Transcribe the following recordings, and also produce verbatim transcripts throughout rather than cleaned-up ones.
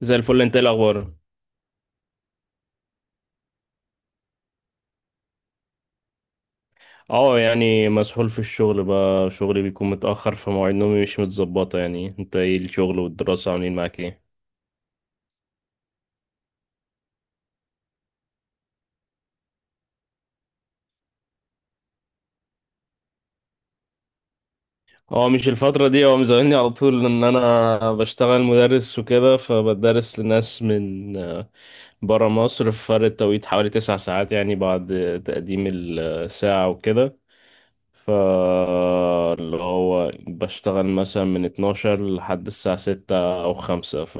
زي الفل. انت ايه الاخبار؟ اه يعني مسحول في الشغل بقى، شغلي بيكون متاخر فمواعيد نومي مش متظبطه. يعني انت ايه الشغل والدراسه عاملين معاك ايه؟ هو مش الفتره دي، هو مزعلني على طول ان انا بشتغل مدرس وكده، فبدرس لناس من آه، برا مصر، في فرق توقيت حوالي تسع ساعات يعني، بعد تقديم الساعه وكده. فاللي هو بشتغل مثلا من اتناشر لحد الساعة ستة أو خمسة، ف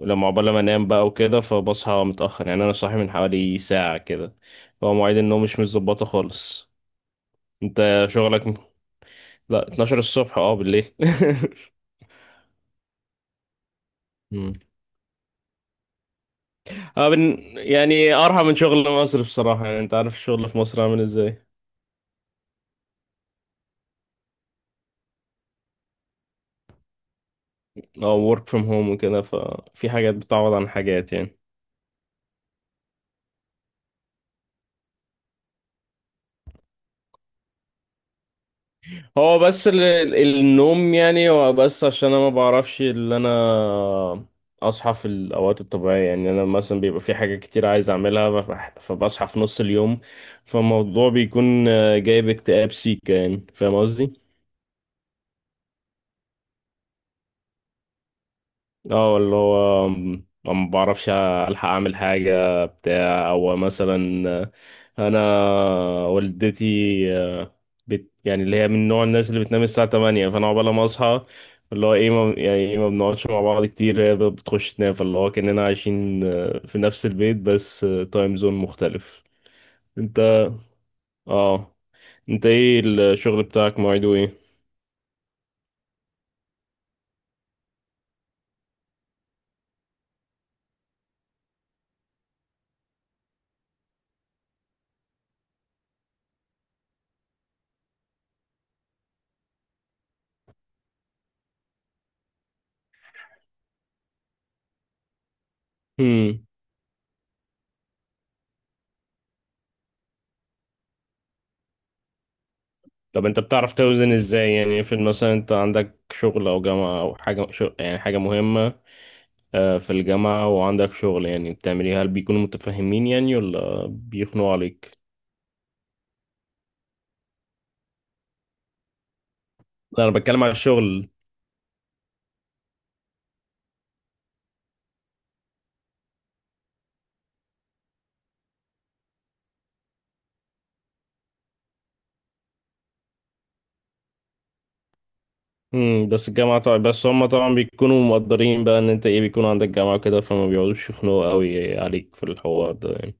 لما عقبال ما انام بقى وكده فبصحى متأخر. يعني أنا صاحي من حوالي ساعة كده، فهو مواعيد النوم مش متظبطة خالص. أنت شغلك؟ لا، اتناشر الصبح اه بالليل. مم. اه بن... يعني أرحم من شغل مصر بصراحة. يعني أنت عارف الشغل في مصر عامل ازاي. اه work from home وكده، ففي حاجات بتعوض عن حاجات يعني. هو بس ال... ال- النوم، يعني هو بس عشان انا ما بعرفش اللي انا اصحى في الاوقات الطبيعيه. يعني انا مثلا بيبقى في حاجه كتير عايز اعملها، فبح- فبصحى في نص اليوم، فالموضوع بيكون آه، جايب اكتئاب سيكا، يعني فاهم قصدي. اه اللي هو ما بعرفش الحق اعمل حاجه بتاع، او مثلا انا والدتي، آه، بت يعني اللي هي من نوع الناس اللي بتنام الساعه تمانية، فانا عقبال ما اصحى اللي هو ايه ما، يعني ايه، ما بنقعدش مع بعض كتير. هي بتخش تنام، فاللي هو كاننا عايشين آه، في نفس البيت بس تايم زون مختلف. انت، اه، انت ايه الشغل بتاعك مواعيده ايه؟ طب انت بتعرف توزن ازاي؟ يعني افرض مثلا انت عندك شغل او جامعة او حاجة شغ... يعني حاجة مهمة آه، في الجامعة، وعندك شغل يعني بتعمليها، هل بيكونوا متفاهمين يعني ولا بيخنقوا عليك؟ لا، انا بتكلم على الشغل. امم، بس الجامعة طبعا، بس هم طبعا بيكونوا مقدرين بقى ان انت ايه بيكون عندك جامعة كده، فما بيقعدوش يخنقوا قوي عليك في الحوار ده يعني.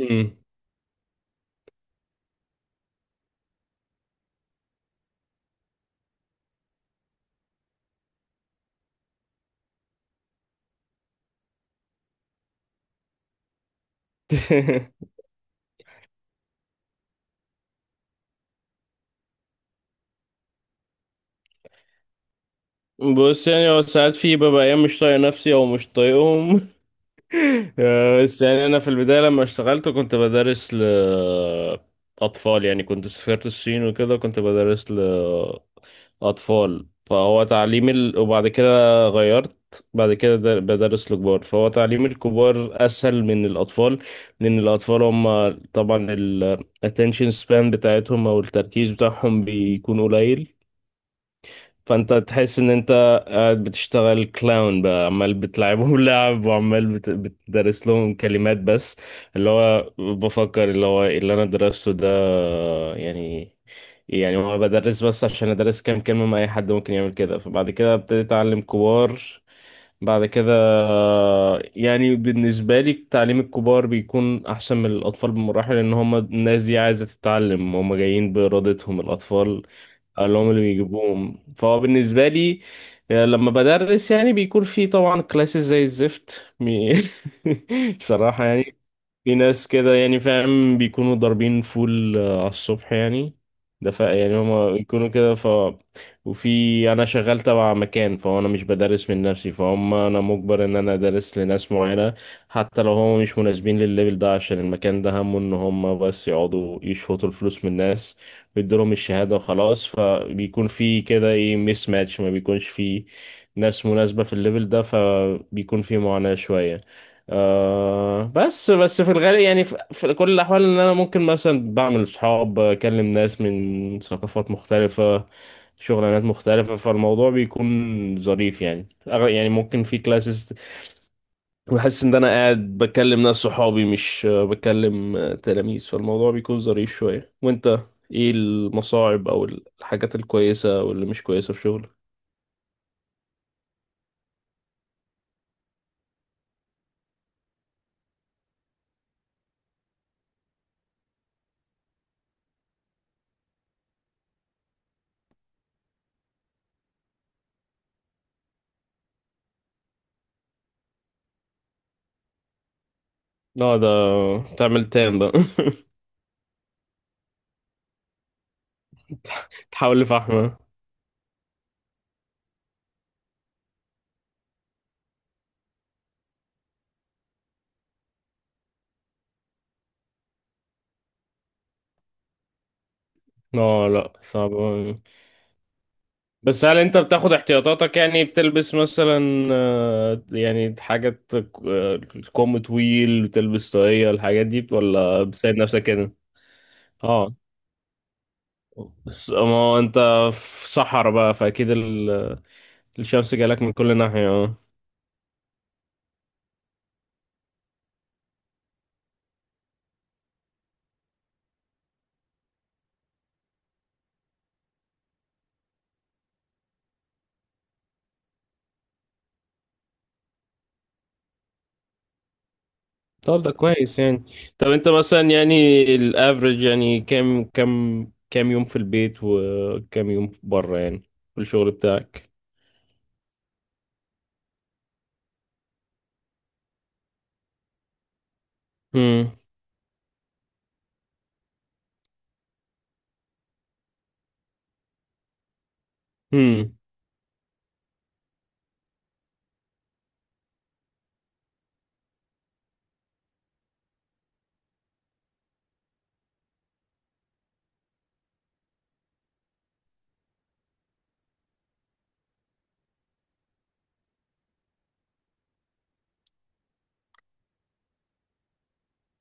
امم. بص، يعني هو ساعات في ببقى ايام مش طايق نفسي او مش طايقهم. آه، بس يعني انا في البدايه لما اشتغلت كنت بدرس لاطفال، يعني كنت سافرت الصين وكده، كنت بدرس لاطفال، فهو تعليم ال... وبعد كده غيرت، بعد كده در- بدرس لكبار، فهو تعليم الكبار اسهل من الاطفال، لان الاطفال هم طبعا ال attention span بتاعتهم او التركيز بتاعهم بيكون قليل. فانت تحس ان انت قاعد بتشتغل كلاون بقى، عمال بتلعبهم لعب، وعمال بت- بتدرس لهم كلمات بس، اللي هو بفكر اللي هو إيه اللي انا درسته ده يعني. يعني هو بدرس بس عشان ادرس كام كلمة، ما اي حد ممكن يعمل كده، فبعد كده ابتديت اتعلم كبار بعد كده. يعني بالنسبة لي تعليم الكبار بيكون أحسن من الأطفال بمراحل، لأن هم الناس دي عايزة تتعلم، هم جايين بإرادتهم. الأطفال اللي هم اللي بيجيبوهم. فهو بالنسبة لي آه، لما بدرس يعني بيكون في طبعا كلاسز زي الزفت، مي- بصراحة يعني. في ناس كده يعني فاهم بيكونوا ضاربين فول آه، على الصبح يعني. ده ف يعني هما بيكونوا كده ف، وفي انا شغال تبع مكان، فانا مش بدرس من نفسي، فهم انا مجبر ان انا ادرس لناس معينة، حتى لو هم مش مناسبين للليفل ده، عشان المكان ده همه ان هم بس يقعدوا يشفطوا الفلوس من الناس ويدوا لهم الشهادة وخلاص. فبيكون في كده ايه ميس ماتش، ما بيكونش في ناس مناسبة في الليفل ده، فبيكون في معاناة شوية. آه، بس بس في الغالب يعني، في, في كل الأحوال، إن أنا ممكن مثلا بعمل صحاب، أكلم ناس من ثقافات مختلفة، شغلانات مختلفة، فالموضوع بيكون ظريف. يعني أغ- يعني ممكن في كلاسز بحس إن أنا قاعد بكلم ناس صحابي، مش آه، بكلم آه، تلاميذ، فالموضوع بيكون ظريف شوية. وأنت إيه المصاعب أو الحاجات الكويسة واللي مش كويسة في شغلك؟ لا ده تعمل تام بقى. تحاول لفحمة. لا لا، صعب. بس هل انت بتاخد احتياطاتك؟ يعني بتلبس مثلا آه، يعني حاجات آه، كم طويل، بتلبس طاقية، الحاجات دي، ولا بتساعد نفسك كده؟ اه، بس ما هو انت في صحرا بقى، فاكيد ال- الشمس جالك من كل ناحية، اه. طب ده كويس يعني. طب انت مثلا، يعني الافريج يعني، كام كام كام يوم في البيت وكام يوم بره يعني في الشغل بتاعك؟ امم.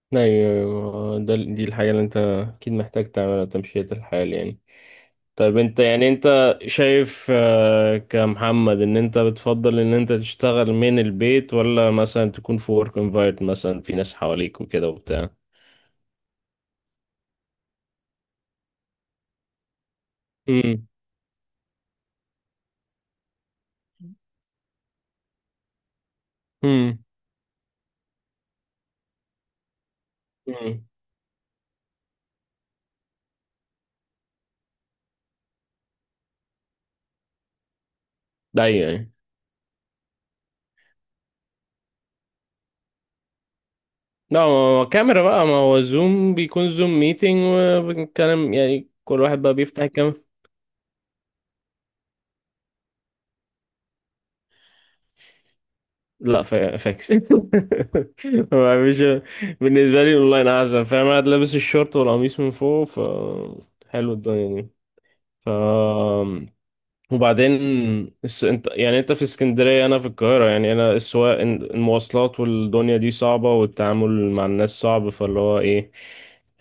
ايوه. أيوة. ده دي الحاجة اللي انت اكيد محتاج تعملها، تمشية الحال يعني. طيب انت يعني، انت شايف آه، كمحمد ان انت بتفضل ان انت تشتغل من البيت، ولا مثلا تكون في ورك انفايرمنت، مثلا في ناس حواليك وكده وبتاع؟ امم امم امم. ده يعني، لا ما هو كاميرا بقى، ما هو زوم، بيكون زوم ميتنج وبنتكلم، يعني كل واحد بقى بيفتح. لا فا- فاكس. هو مش، بالنسبة لي اونلاين احسن، فاهم؟ قاعد لابس الشورت والقميص من فوق، ف حلو الدنيا دي. ف وبعدين الس... انت يعني انت في اسكندرية انا في القاهرة، يعني انا السواق المواصلات والدنيا دي صعبة، والتعامل مع الناس صعب، فاللي هو ايه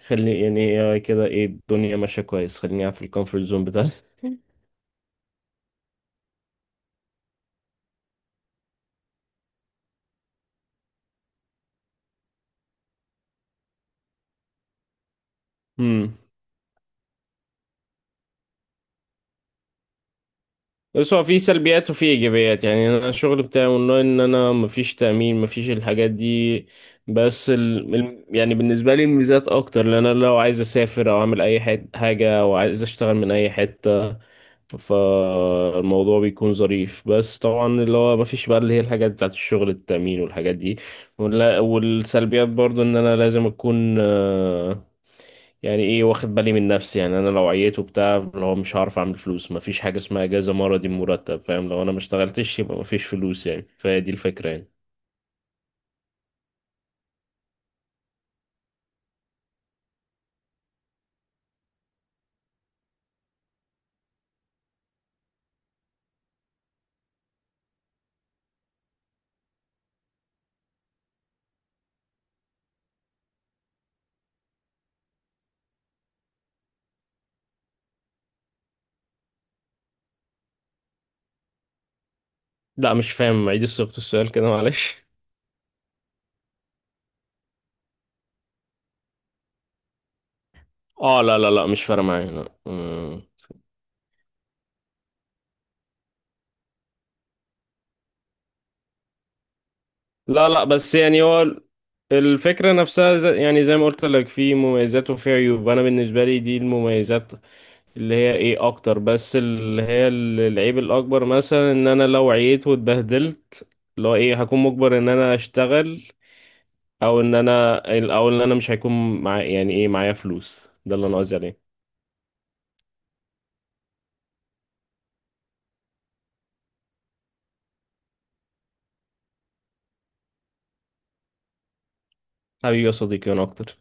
خلي يعني، إيه كده، ايه الدنيا ماشية كويس، خليني قاعد في الكومفورت زون بتاعتي. امم. بس هو في سلبيات وفي ايجابيات، يعني انا الشغل بتاعي اونلاين، ان انا مفيش تأمين، مفيش الحاجات دي. بس ال... ال- يعني بالنسبة لي الميزات اكتر، لان انا لو عايز اسافر او اعمل اي حت... حاجة، او عايز اشتغل من اي حتة، فالموضوع بيكون ظريف. بس طبعا اللي هو مفيش بقى اللي هي الحاجات بتاعت الشغل، التأمين والحاجات دي. ولا... والسلبيات برضو ان انا لازم اكون يعني ايه واخد بالي من نفسي، يعني انا لو عييت وبتاع اللي هو مش هعرف اعمل فلوس، مفيش حاجه اسمها اجازه مرضي مرتب، فاهم؟ لو انا ما اشتغلتش يبقى مفيش فلوس يعني، فهي دي الفكره يعني. لا مش فاهم، عيد صياغه السؤال كده معلش. اه لا لا لا، مش فارقه معايا، لا. أمم. لا لا، بس يعني هو ال- الفكره نفسها ز- يعني زي ما قلت لك، في مميزات وفي عيوب، انا بالنسبه لي دي المميزات اللي هي ايه اكتر. بس اللي هي ال- العيب الاكبر مثلا ان انا لو عييت واتبهدلت، اللي هو ايه هكون مجبر ان انا اشتغل، او ان انا، او ان انا مش هيكون مع، يعني ايه، معايا فلوس. ده اللي انا قصدي عليه. حبيبي يا صديقي انا اكتر.